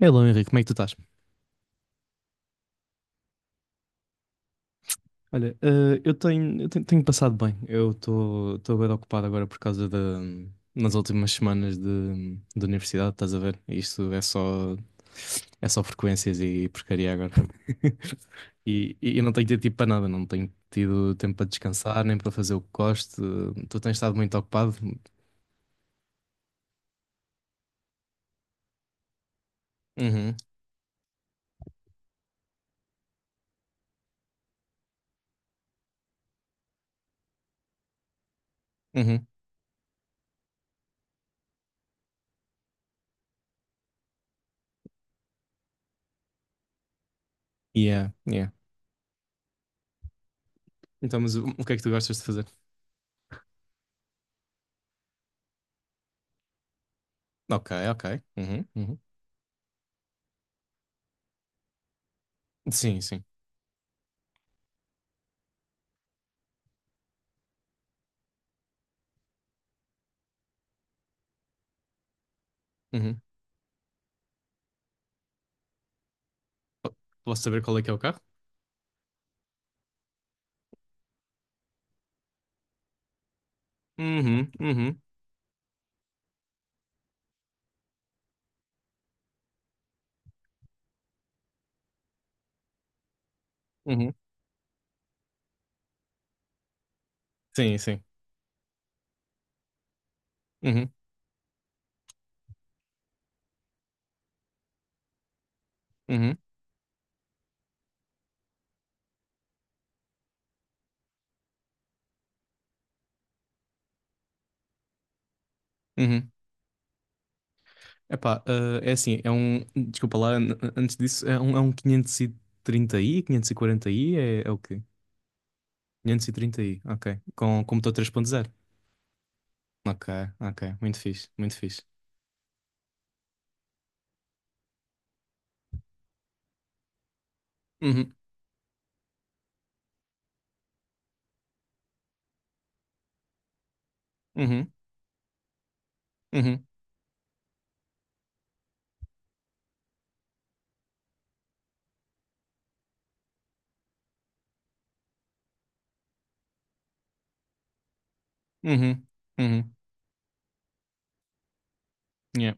Hello, Henrique, como é que tu estás? Olha, tenho passado bem. Eu estou bem ocupado agora por causa nas últimas semanas de universidade, estás a ver? É só frequências e porcaria agora. E eu não tenho tido tempo para nada, não tenho tido tempo para descansar, nem para fazer o que gosto. Tu tens estado muito ocupado? Uhum, uhum. Yeah, yeah. Então, mas o que é que tu gostas de fazer? Ok, ok. Uhum, uhum. Sim, sim. Uhum. Po- Posso saber qual é que é o carro? Uhum, uhum, uhum. Sim, sim. Uhum, uhum, uhum. Epá, é assim, é um. Desculpa lá, antes disso, é um 530i 540i é o quê? Quinhentos e trinta i, ok. Com computador 3.0. Ok, ok. Muito fixe, muito fixe. Uhum, uhum, uhum, uhum, uhum. Yeah.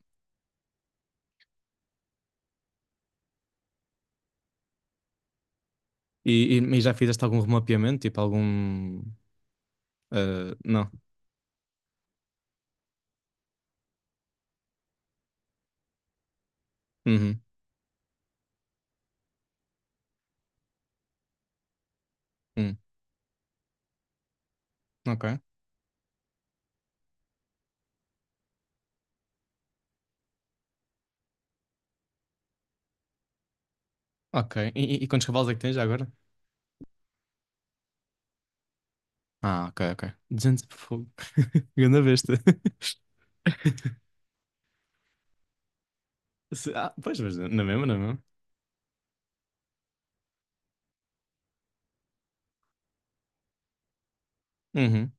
E já fizeste algum remapeamento? Tipo, algum. Não. Uhum, uhum. Ok, ok. E quantos cavalos é que tens já agora? Ah, ok, ok. 200 e fogo. Ganda besta. Ah, pois, mas na mesma, na mesma. Uhum,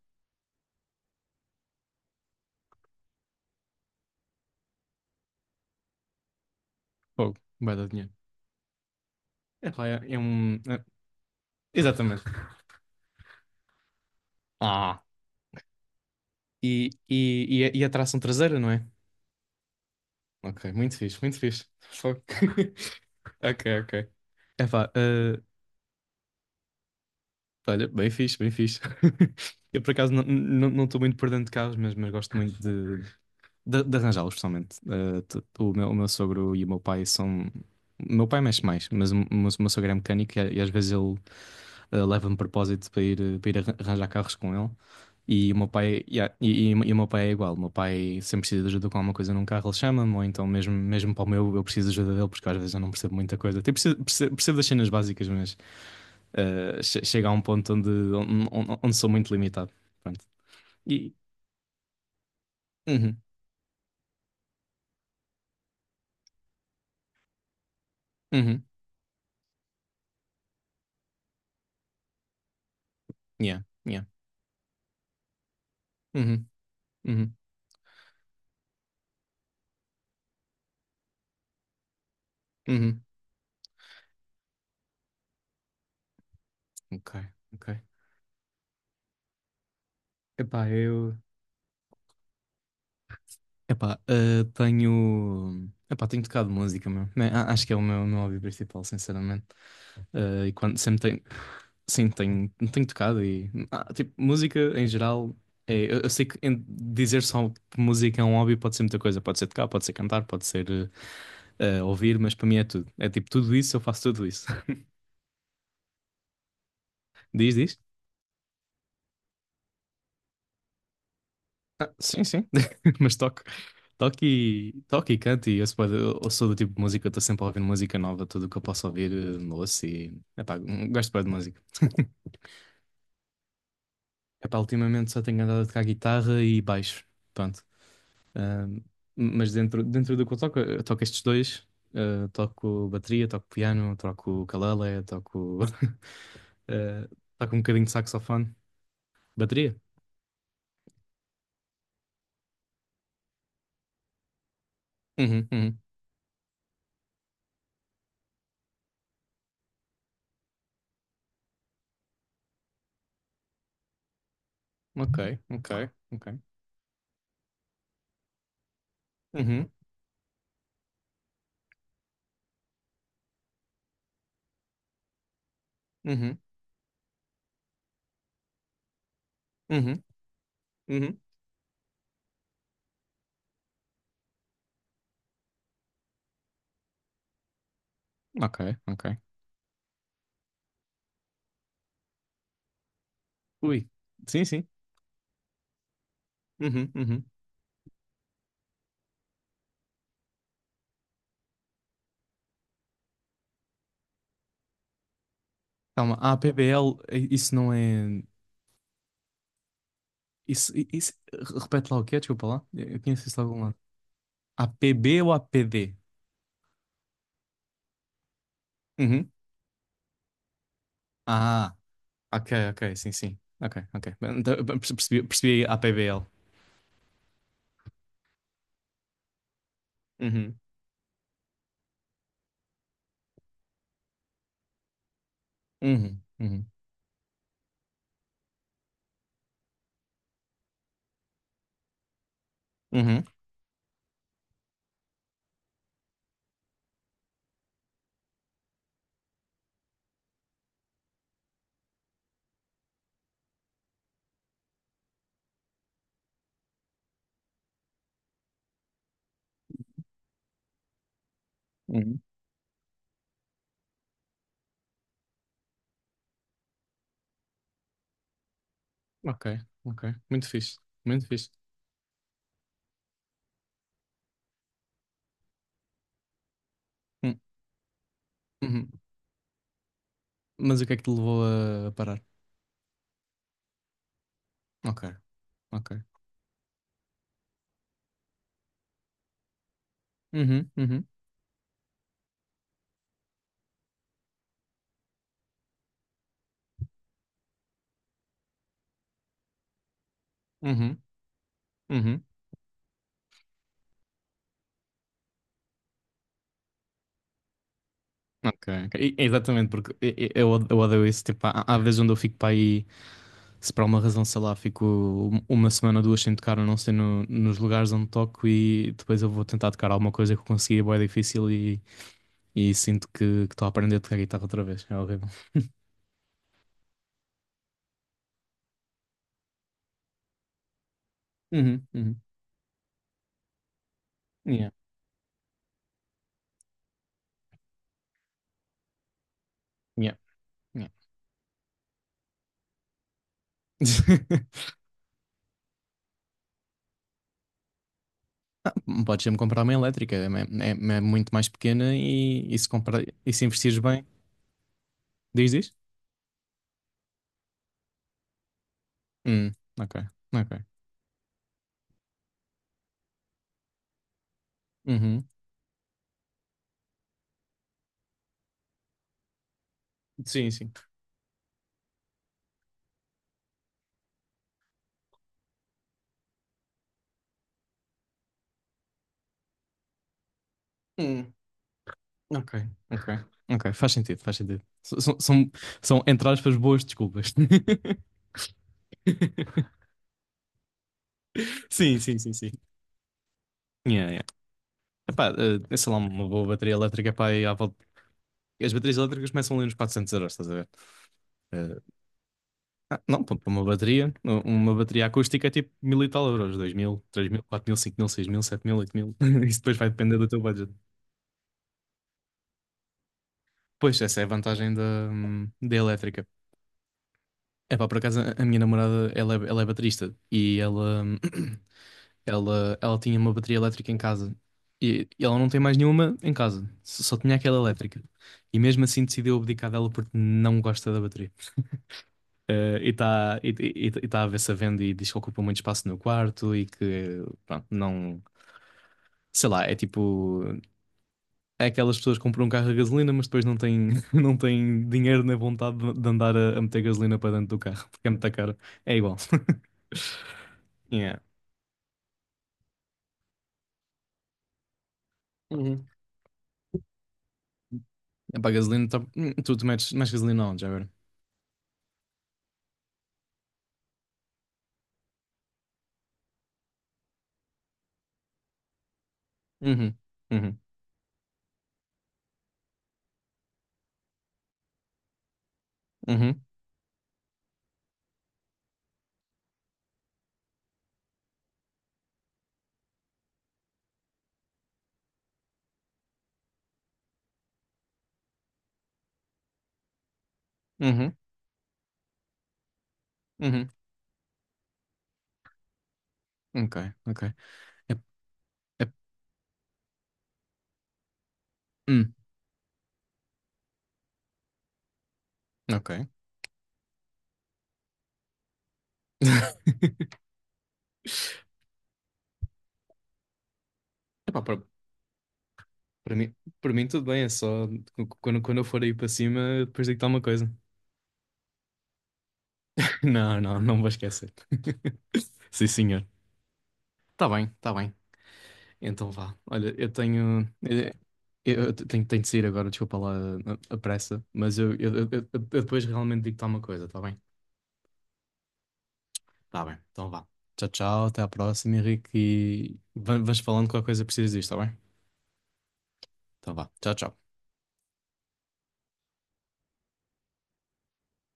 fogo. Vai dar dinheiro. É, é, é um. é- Exatamente. Ah, e a tração traseira, não é? Ok, muito fixe, muito fixe. Fogo. Ok, ok. É pá, olha, bem fixe, bem fixe. Eu por acaso não estou muito por dentro de carros, mas gosto muito de, de arranjá-los, pessoalmente. O meu sogro e o meu pai são. O meu pai mexe mais, mas o meu sogro é mecânico e às vezes ele leva-me de propósito para ir arranjar carros com ele. E o meu pai, e, a- e, e o meu pai é igual. O meu pai sempre precisa de ajuda com alguma coisa num carro, ele chama-me, ou então mesmo, mesmo eu preciso de ajuda dele, porque às vezes eu não percebo muita coisa. Tipo, percebo das cenas básicas, mas chega a um ponto onde sou muito limitado. Pronto. E. Uhum, uhum, yeah, yeah, uhum, uhum. Uhum. Ok, ok. Epá, eu. Epá, tenho. Epá, tenho tocado música, meu. Acho que é meu hobby principal, sinceramente. Ah, e quando sempre tenho. Sim, tenho tocado e. Tipo, música em geral. Eu sei que dizer só que música é um hobby pode ser muita coisa. Pode ser tocar, pode ser cantar, pode ser ouvir, mas para mim é tudo. É tipo, tudo isso, eu faço tudo isso. Diz, diz. Sim, sim, mas toco. Toque e cante, eu, se pode- eu sou do tipo de música, que eu estou sempre a ouvir música nova, tudo o que eu posso ouvir, ouço e. Epá, gosto bué de música. Epá, ultimamente só tenho andado a tocar guitarra e baixo, pronto. Ahm, mas dentro do que eu toco estes dois, toco bateria, toco piano, toco ukulele, toco, ah, toco um bocadinho de saxofone. Bateria? Uhum, uhum. Ok, ok, ok. Uhum, uhum, uhum, uhum. Ok, ok. Ui, sim, sim. Uhum, uhum. Calma, a APBL, isso não é. Isso, isso. Repete lá o que é, desculpa lá. Eu conheço isso de algum lado. APB ou APD. Uhum. Ah, ok, ok, sim, sim. Ok, ok. Então, percebi a APBL. Uhum, uhum, uhum, uhum, uhum. Ok, ok. Muito fixe, muito fixe. Hum, uhum. Mas o que é que te levou a parar? Ok, ok. Uhum, uhum, uhum, uhum. Ok, ok. Exatamente, porque eu odeio isso. Tipo, há vezes onde eu fico para aí, se por alguma razão, sei lá, fico uma semana, duas sem tocar, ou não sei, nos lugares onde toco e depois eu vou tentar tocar alguma coisa que eu consegui, é bué difícil e sinto que estou a aprender a tocar guitarra outra vez. É horrível. Uhum, uhum. Yeah, yeah, yeah. Ah, podes sempre comprar uma elétrica, é muito mais pequena e se comprar, e se investires bem, diz, diz? Hum, ok, ok. Uhum. Sim, sim. Ok, ok, ok, faz sentido, faz sentido. São entre aspas, boas desculpas. Sim, sim, sim, sim. Yeah, yeah. Epá, sei lá, uma boa bateria elétrica, pá, aí à volta. As baterias elétricas começam ali nos 400 euros, estás a ver? Eh, não, pá, uma bateria acústica é tipo mil e tal euros, 2000, 3000, 4000, 5000, 6000, 7000, 8000. Isso depois vai depender do teu budget. Pois, essa é a vantagem da elétrica. É pá, por acaso a minha namorada, ela é baterista e ela. Ela tinha uma bateria elétrica em casa e ela não tem mais nenhuma em casa, só tinha aquela elétrica. E mesmo assim decidiu abdicar dela porque não gosta da bateria. E está e tá a ver-se a venda e diz que ocupa muito espaço no quarto e que, pronto, não. Sei lá, é tipo. É aquelas pessoas que compram um carro a gasolina, mas depois não têm, não têm dinheiro nem vontade de andar a meter gasolina para dentro do carro, porque é muito caro. É igual. Yeah. Uhum. É para a gasolina, tu metes mais gasolina onde, já agora? Uhum. Uhum. Uhum, uhum, uhum. Ok, ok. É, é, hum, ok. Epá, para mim, para mim tudo bem, é só quando eu for aí para cima, depois digo-te alguma coisa. Não, não, não vou esquecer. Sim, senhor. Tá bem, tá bem. Então vá. Olha, eu tenho. Tenho de sair agora, desculpa lá a pressa, mas eu depois realmente digo-te alguma coisa, tá bem? Tá bem, então vá. Tchau, tchau, até à próxima, Henrique, e vais falando qualquer coisa que precisas disto, tá bem? Então vá, tchau, tchau.